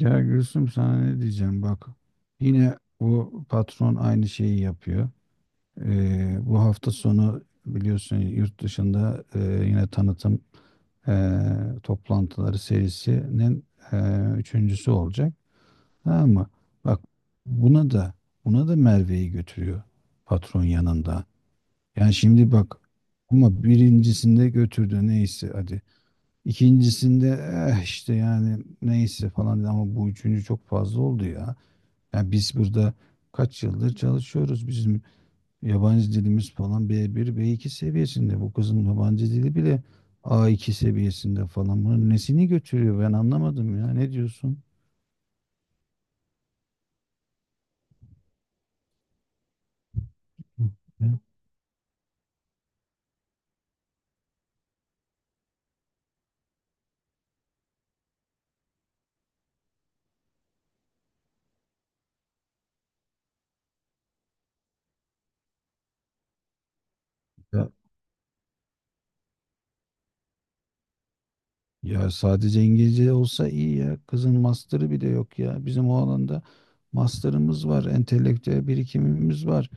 Ya Gülsüm sana ne diyeceğim bak. Yine bu patron aynı şeyi yapıyor. Bu hafta sonu biliyorsun yurt dışında yine tanıtım e, toplantıları serisinin e, üçüncüsü olacak. Tamam mı? Bak buna da buna da Merve'yi götürüyor, patron yanında. Yani şimdi bak, ama birincisinde götürdü, neyse hadi. İkincisinde eh işte yani neyse falan dedi, ama bu üçüncü çok fazla oldu ya. Yani biz burada kaç yıldır çalışıyoruz. Bizim yabancı dilimiz falan B1 B2 seviyesinde. Bu kızın yabancı dili bile A2 seviyesinde falan. Bunun nesini götürüyor, ben anlamadım ya. Ne diyorsun? Hı. Ya, ya sadece İngilizce olsa iyi ya. Kızın master'ı bile yok ya. Bizim o alanda master'ımız var, entelektüel birikimimiz var.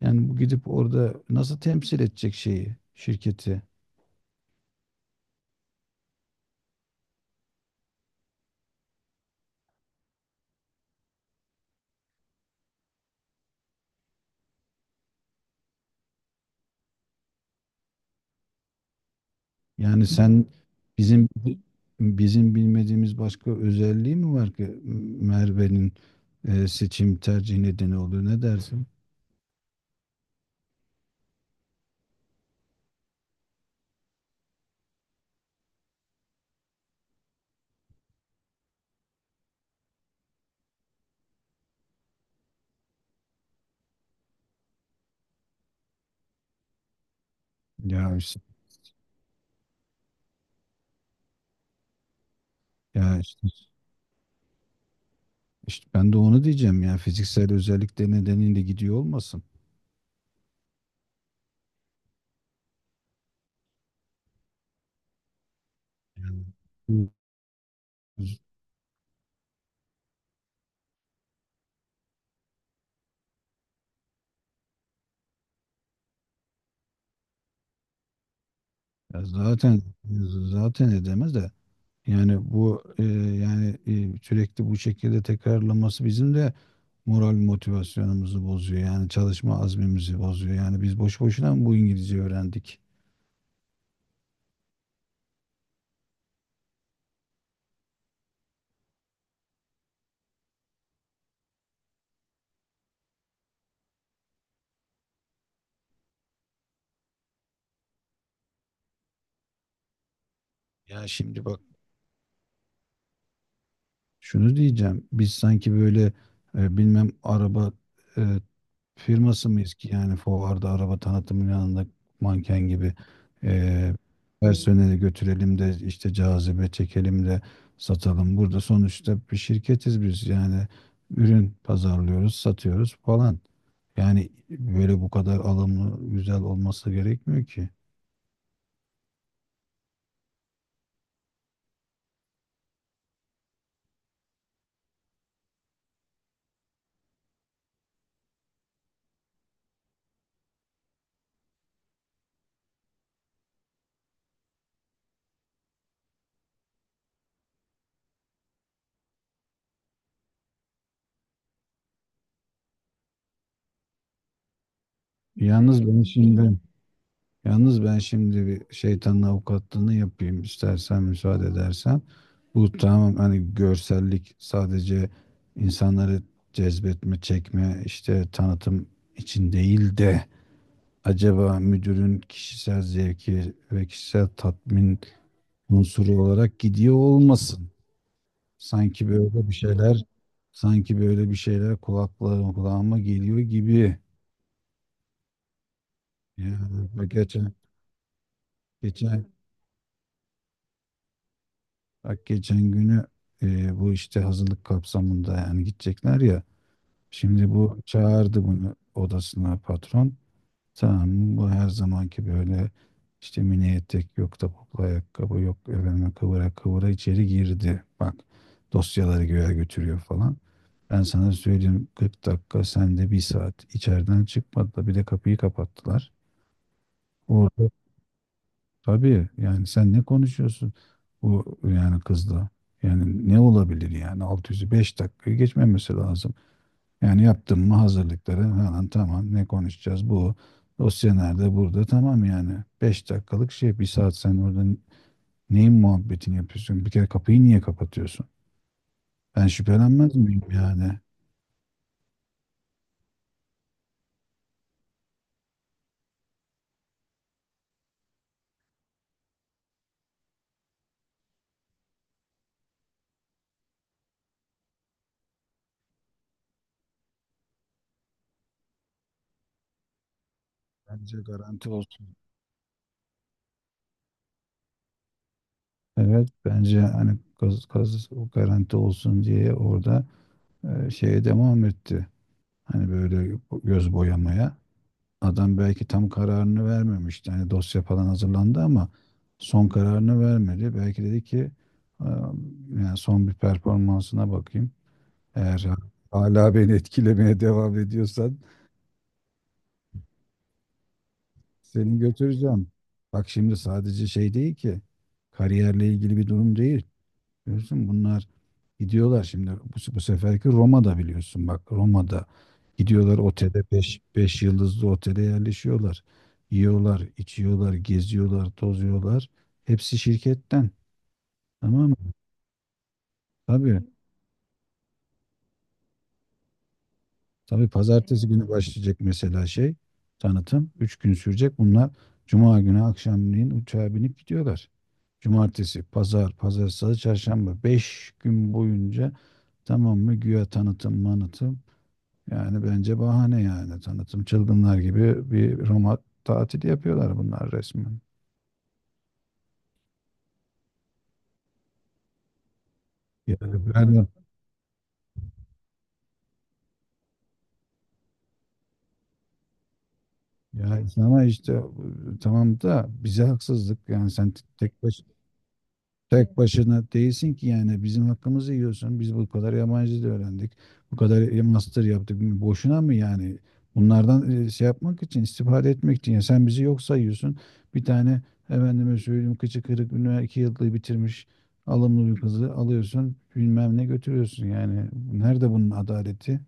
Yani bu gidip orada nasıl temsil edecek şeyi, şirketi? Yani sen, bizim bizim bilmediğimiz başka özelliği mi var ki Merve'nin seçim tercih nedeni oluyor? Ne dersin? Ya işte Ya işte, işte ben de onu diyeceğim ya, fiziksel özellikleri nedeniyle gidiyor olmasın. Yani bu- Ya zaten, edemez de yani bu yani sürekli bu şekilde tekrarlaması bizim de moral motivasyonumuzu bozuyor. Yani çalışma azmimizi bozuyor. Yani biz boş boşuna mı bu İngilizce öğrendik? Ya şimdi bak, şunu diyeceğim. Biz sanki böyle bilmem araba e, firması mıyız ki yani fuarda araba tanıtımının yanında manken gibi eee personeli götürelim de işte cazibe çekelim de satalım. Burada sonuçta bir şirketiz biz yani, ürün pazarlıyoruz, satıyoruz falan. Yani böyle bu kadar alımlı, güzel olması gerekmiyor ki. Yalnız ben şimdi Yalnız ben şimdi bir şeytanın avukatlığını yapayım, istersen müsaade edersen. Bu tamam, hani görsellik sadece insanları cezbetme, çekme, işte tanıtım için değil de, acaba müdürün kişisel zevki ve kişisel tatmin unsuru olarak gidiyor olmasın. Sanki böyle bir şeyler Sanki böyle bir şeyler kulağıma geliyor gibi. Yani geçen geçen Bak, geçen günü bu işte hazırlık kapsamında yani, gidecekler ya. Şimdi bu çağırdı bunu odasına, patron. Tamam, bu her zamanki böyle işte mini etek, yok topuklu ayakkabı, yok efendime, kıvıra kıvıra içeri girdi. Bak, dosyaları göğe götürüyor falan. Ben sana söyleyeyim, 40 dakika, sen de bir saat içeriden çıkmadı, da bir de kapıyı kapattılar. Tabii yani sen ne konuşuyorsun bu yani kızla? Yani ne olabilir yani, 605 dakikayı geçmemesi lazım. Yani yaptın mı hazırlıkları, hemen tamam, ne konuşacağız bu. Dosya nerede, burada, tamam, yani 5 dakikalık şey, bir saat sen orada neyin muhabbetini yapıyorsun? Bir kere kapıyı niye kapatıyorsun? Ben şüphelenmez miyim yani? Bence garanti olsun. Evet, bence hani kız o garanti olsun diye orada şeye devam etti. Hani böyle göz boyamaya. Adam belki tam kararını vermemişti. Hani dosya falan hazırlandı ama son kararını vermedi. Belki dedi ki, "Aa, yani son bir performansına bakayım. Eğer hala beni etkilemeye devam ediyorsan seni götüreceğim." Bak şimdi sadece şey değil ki, kariyerle ilgili bir durum değil. Biliyorsun bunlar gidiyorlar şimdi, bu seferki Roma'da, biliyorsun, bak Roma'da gidiyorlar otele, 5 yıldızlı otele yerleşiyorlar. Yiyorlar, içiyorlar, geziyorlar, tozuyorlar. Hepsi şirketten. Tamam mı? Tabii. Tabii pazartesi günü başlayacak mesela şey tanıtım. 3 gün sürecek. Bunlar cuma günü akşamleyin uçağa binip gidiyorlar. Cumartesi, pazar, salı, çarşamba, 5 gün boyunca, tamam mı? Güya tanıtım, manıtım. Yani bence bahane yani. Tanıtım, çılgınlar gibi bir Roma tatili yapıyorlar bunlar resmen. Yani pardon. Ya ama işte tamam da bize haksızlık yani, sen tek başına değilsin ki yani, bizim hakkımızı yiyorsun. Biz bu kadar yabancı dil öğrendik. Bu kadar master yaptık. Boşuna mı yani? Bunlardan şey yapmak için, istifade etmek için. Ya sen bizi yok sayıyorsun. Bir tane efendime söyleyeyim, kıçı kırık üniversite 2 yıllığı bitirmiş alımlı bir kızı alıyorsun. Bilmem ne götürüyorsun yani. Nerede bunun adaleti?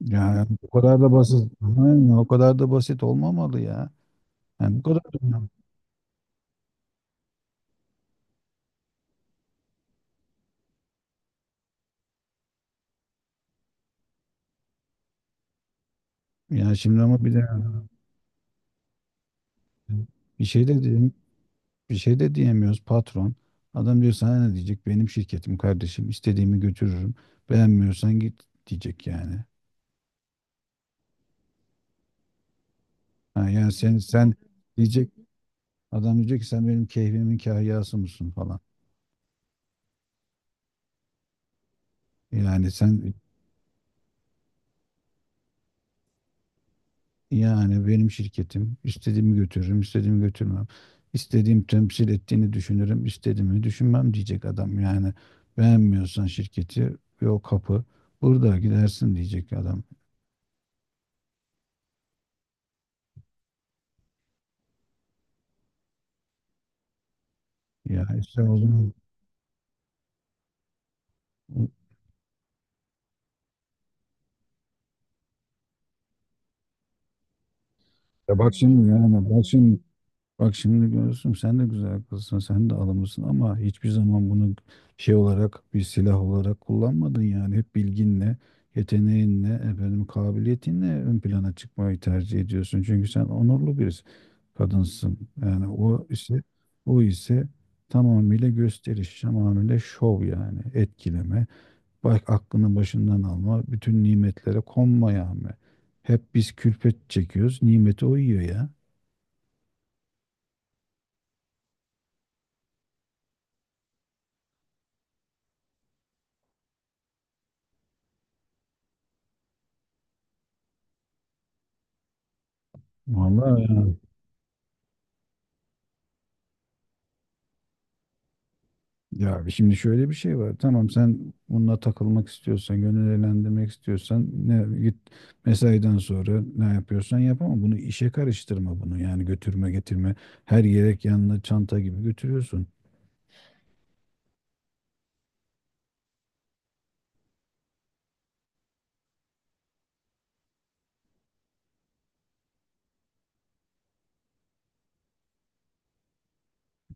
Yani bu kadar da basit. Aynen, o kadar da basit olmamalı ya. Yani bu kadar da yani şimdi ama bir de Bir şey de diyeyim, bir şey de diyemiyoruz, patron. Adam diyor, sana ne diyecek? Benim şirketim, kardeşim. İstediğimi götürürüm. Beğenmiyorsan git diyecek yani. Ha, yani sen sen diyecek adam diyecek ki, sen benim keyfimin kahyası mısın falan. Yani sen Yani benim şirketim, istediğimi götürürüm, istediğimi götürmem. İstediğim temsil ettiğini düşünürüm, istediğimi düşünmem diyecek adam. Yani beğenmiyorsan şirketi, yok kapı, burada gidersin diyecek adam. Ya işte o zaman Ya bak şimdi yani bak şimdi Bak şimdi görürsün, sen de güzel kızsın, sen de alımlısın ama hiçbir zaman bunu şey olarak, bir silah olarak kullanmadın yani. Hep bilginle, yeteneğinle, efendim kabiliyetinle ön plana çıkmayı tercih ediyorsun. Çünkü sen onurlu bir kadınsın. Yani o ise tamamıyla gösteriş, tamamıyla şov yani, etkileme. Bak, aklını başından alma, bütün nimetlere konma yani. Hep biz külfet çekiyoruz, nimeti o yiyor ya. Vallahi ya. Ya şimdi şöyle bir şey var. Tamam, sen bununla takılmak istiyorsan, gönül eğlendirmek istiyorsan, ne git mesaiden sonra, ne yapıyorsan yap, ama bunu işe karıştırma bunu. Yani götürme getirme, her yelek yanına çanta gibi götürüyorsun.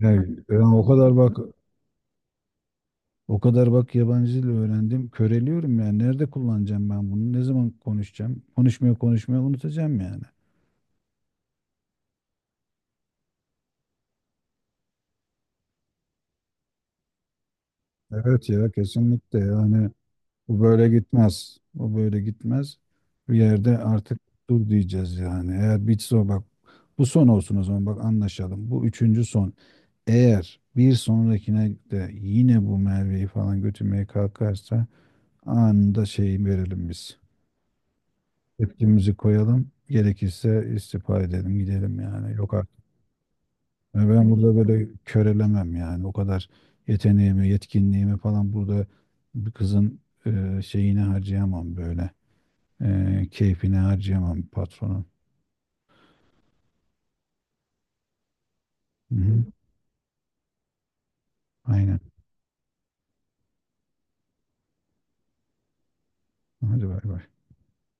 Yani, ben o kadar bak o kadar bak yabancı dil öğrendim. Köreliyorum yani. Nerede kullanacağım ben bunu? Ne zaman konuşacağım? Konuşmaya konuşmaya unutacağım yani. Evet ya, kesinlikle yani. Bu böyle gitmez. O böyle gitmez. Bir yerde artık dur diyeceğiz yani. Eğer bitse o, bak bu son olsun, o zaman bak anlaşalım. Bu üçüncü son. Eğer bir sonrakine de yine bu Merve'yi falan götürmeye kalkarsa, anında şeyi verelim biz. Tepkimizi koyalım. Gerekirse istifa edelim, gidelim yani. Yok artık. Yani ben burada böyle körelemem yani. O kadar yeteneğimi, yetkinliğimi falan burada bir kızın şeyini harcayamam böyle. Keyfine harcayamam, patronum. Hı hı. Aynen. Hadi bay bay.